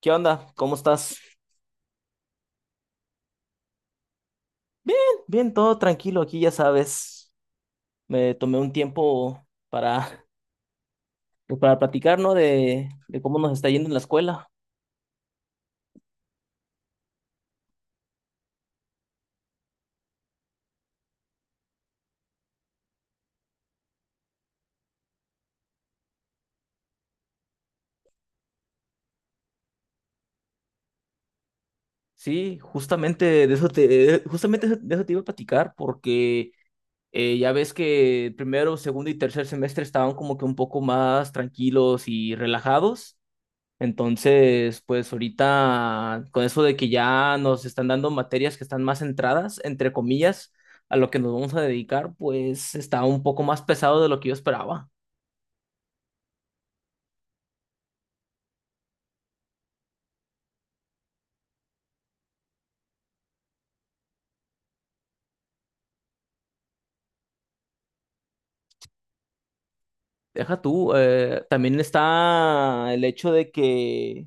¿Qué onda? ¿Cómo estás? Bien, bien, todo tranquilo aquí, ya sabes. Me tomé un tiempo para platicar, ¿no? De cómo nos está yendo en la escuela. Sí, justamente de eso te iba a platicar, porque ya ves que primero, segundo y tercer semestre estaban como que un poco más tranquilos y relajados. Entonces, pues ahorita con eso de que ya nos están dando materias que están más centradas, entre comillas, a lo que nos vamos a dedicar, pues está un poco más pesado de lo que yo esperaba. Deja tú, también está el hecho de que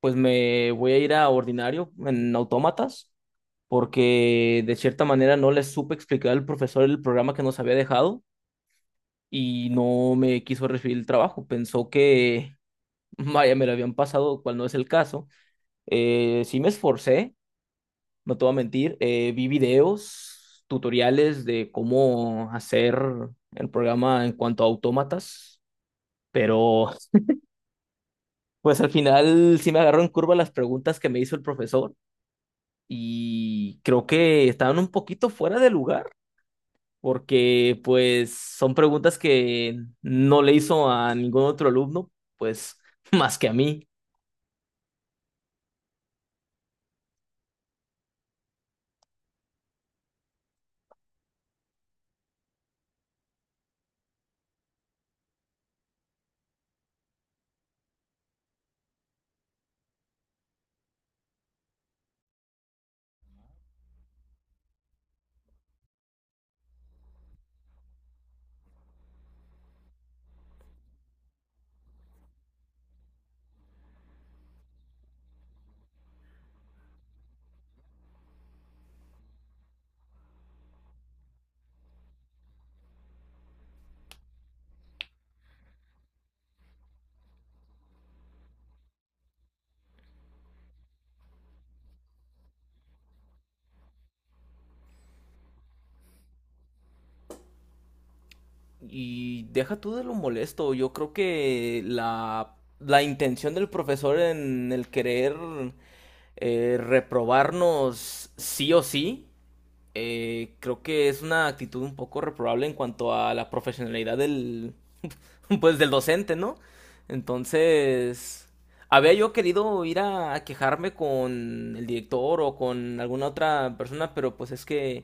pues me voy a ir a ordinario en autómatas, porque de cierta manera no les supe explicar al profesor el programa que nos había dejado y no me quiso recibir el trabajo. Pensó que, vaya, me lo habían pasado, cual no es el caso. Sí me esforcé, no te voy a mentir. Vi videos, tutoriales de cómo hacer el programa en cuanto a autómatas, pero pues al final sí me agarró en curva las preguntas que me hizo el profesor y creo que estaban un poquito fuera de lugar porque pues son preguntas que no le hizo a ningún otro alumno, pues más que a mí. Y deja tú de lo molesto. Yo creo que la intención del profesor en el querer reprobarnos sí o sí, creo que es una actitud un poco reprobable en cuanto a la profesionalidad del, pues del docente, ¿no? Entonces, había yo querido ir a quejarme con el director o con alguna otra persona, pero pues es que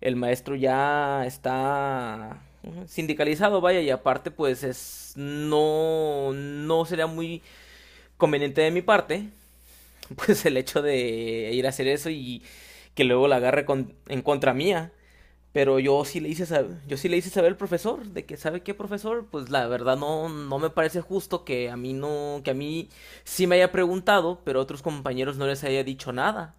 el maestro ya está sindicalizado, vaya, y aparte pues es no sería muy conveniente de mi parte, pues el hecho de ir a hacer eso y que luego la agarre en contra mía. Pero yo sí le hice saber, yo sí le hice saber al profesor de que sabe qué profesor, pues la verdad no me parece justo que a mí no que a mí sí me haya preguntado, pero a otros compañeros no les haya dicho nada.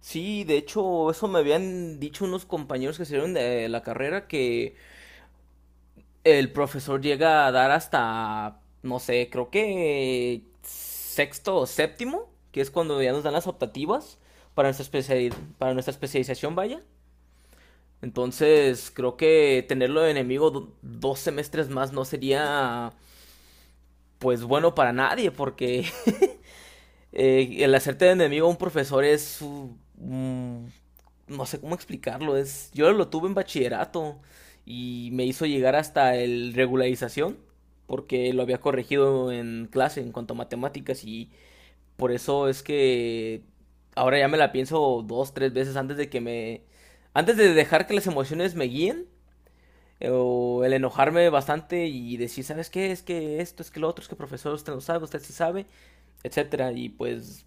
Sí, de hecho, eso me habían dicho unos compañeros que salieron de la carrera que el profesor llega a dar hasta no sé, creo que sexto o séptimo, que es cuando ya nos dan las optativas para nuestra especialización, vaya. Entonces, creo que tenerlo de enemigo dos semestres más no sería, pues, bueno para nadie, porque el hacerte de enemigo a un profesor es, no sé cómo explicarlo, es... Yo lo tuve en bachillerato y me hizo llegar hasta el regularización, porque lo había corregido en clase en cuanto a matemáticas y por eso es que ahora ya me la pienso dos, tres veces antes de que me... Antes de dejar que las emociones me guíen o el enojarme bastante y decir, ¿sabes qué? Es que esto, es que lo otro, es que profesor, usted no sabe, usted sí sabe, etcétera. Y pues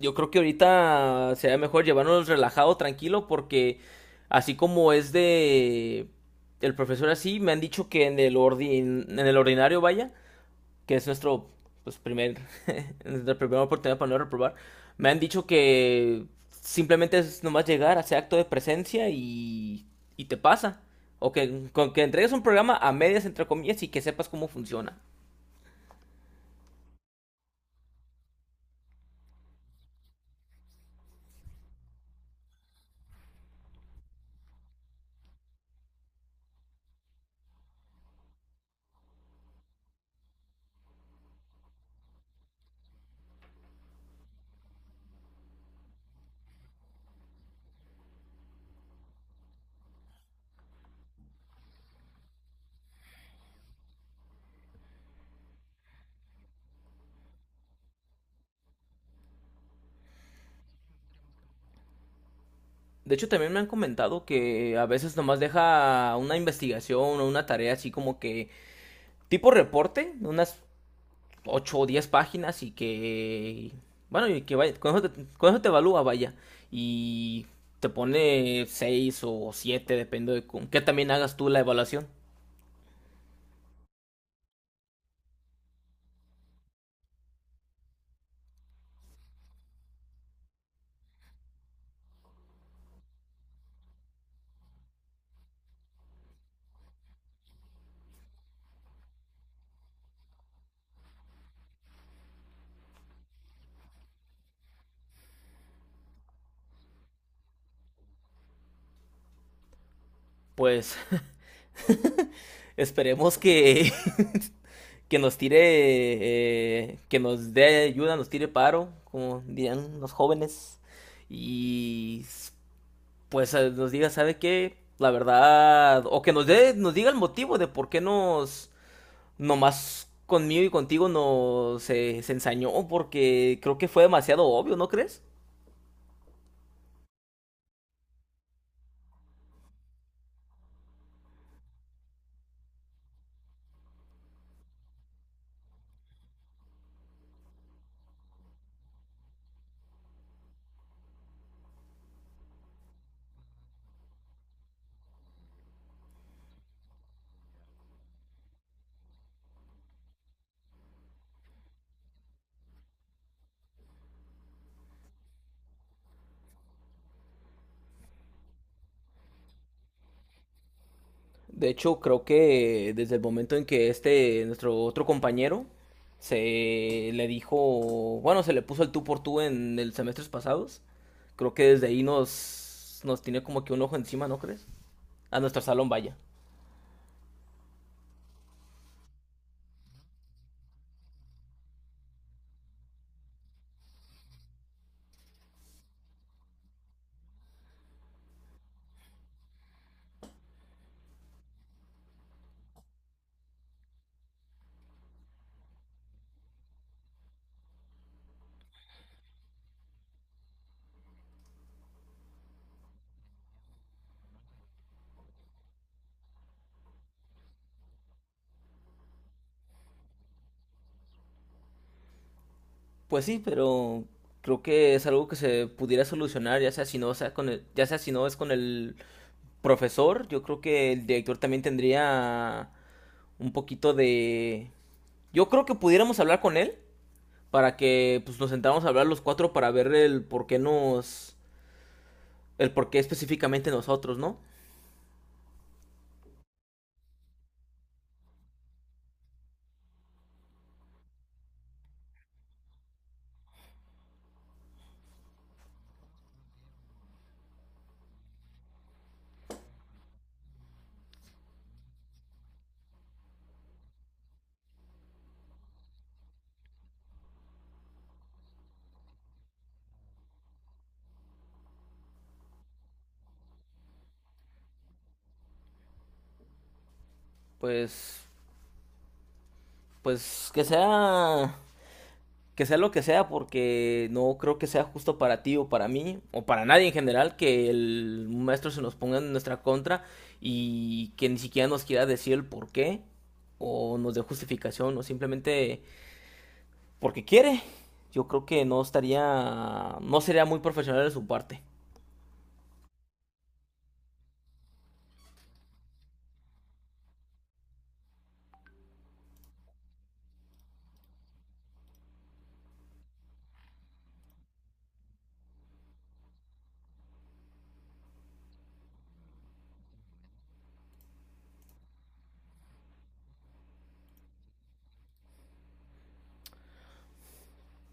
yo creo que ahorita sería mejor llevarnos relajado, tranquilo, porque así como es de el profesor así, me han dicho que en el ordinario, vaya, que es nuestro pues, nuestra primera oportunidad para no reprobar, me han dicho que simplemente es nomás llegar, hacer acto de presencia y te pasa. O que, con que entregues un programa a medias, entre comillas, y que sepas cómo funciona. De hecho, también me han comentado que a veces nomás deja una investigación o una tarea así como que tipo reporte, unas 8 o 10 páginas y que... Bueno, y que vaya, con eso te evalúa, vaya. Y te pone 6 o 7 depende de con qué también hagas tú la evaluación. Pues esperemos que, que nos tire, que nos dé ayuda, nos tire paro, como dirían los jóvenes. Y pues nos diga, ¿sabe qué? La verdad, o que nos dé, nos diga el motivo de por qué nos nomás conmigo y contigo no se, se ensañó porque creo que fue demasiado obvio, ¿no crees? De hecho, creo que desde el momento en que este, nuestro otro compañero, se le dijo, bueno, se le puso el tú por tú en el semestres pasados, creo que desde ahí nos tiene como que un ojo encima, ¿no crees? A nuestro salón vaya. Pues sí, pero creo que es algo que se pudiera solucionar, ya sea si no es con el profesor, yo creo que el director también tendría un poquito de... Yo creo que pudiéramos hablar con él para que pues, nos sentáramos a hablar los cuatro para ver el por qué nos... el por qué específicamente nosotros, ¿no? Pues... pues que sea lo que sea porque no creo que sea justo para ti o para mí o para nadie en general que el maestro se nos ponga en nuestra contra y que ni siquiera nos quiera decir el por qué o nos dé justificación o simplemente porque quiere. Yo creo que no estaría, no sería muy profesional de su parte.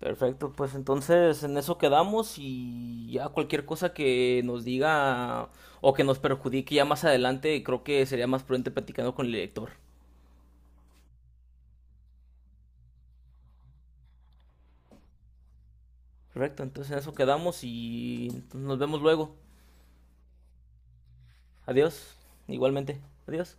Perfecto, pues entonces en eso quedamos y ya cualquier cosa que nos diga o que nos perjudique ya más adelante, creo que sería más prudente platicando con el director. Correcto, entonces en eso quedamos y nos vemos luego. Adiós, igualmente. Adiós.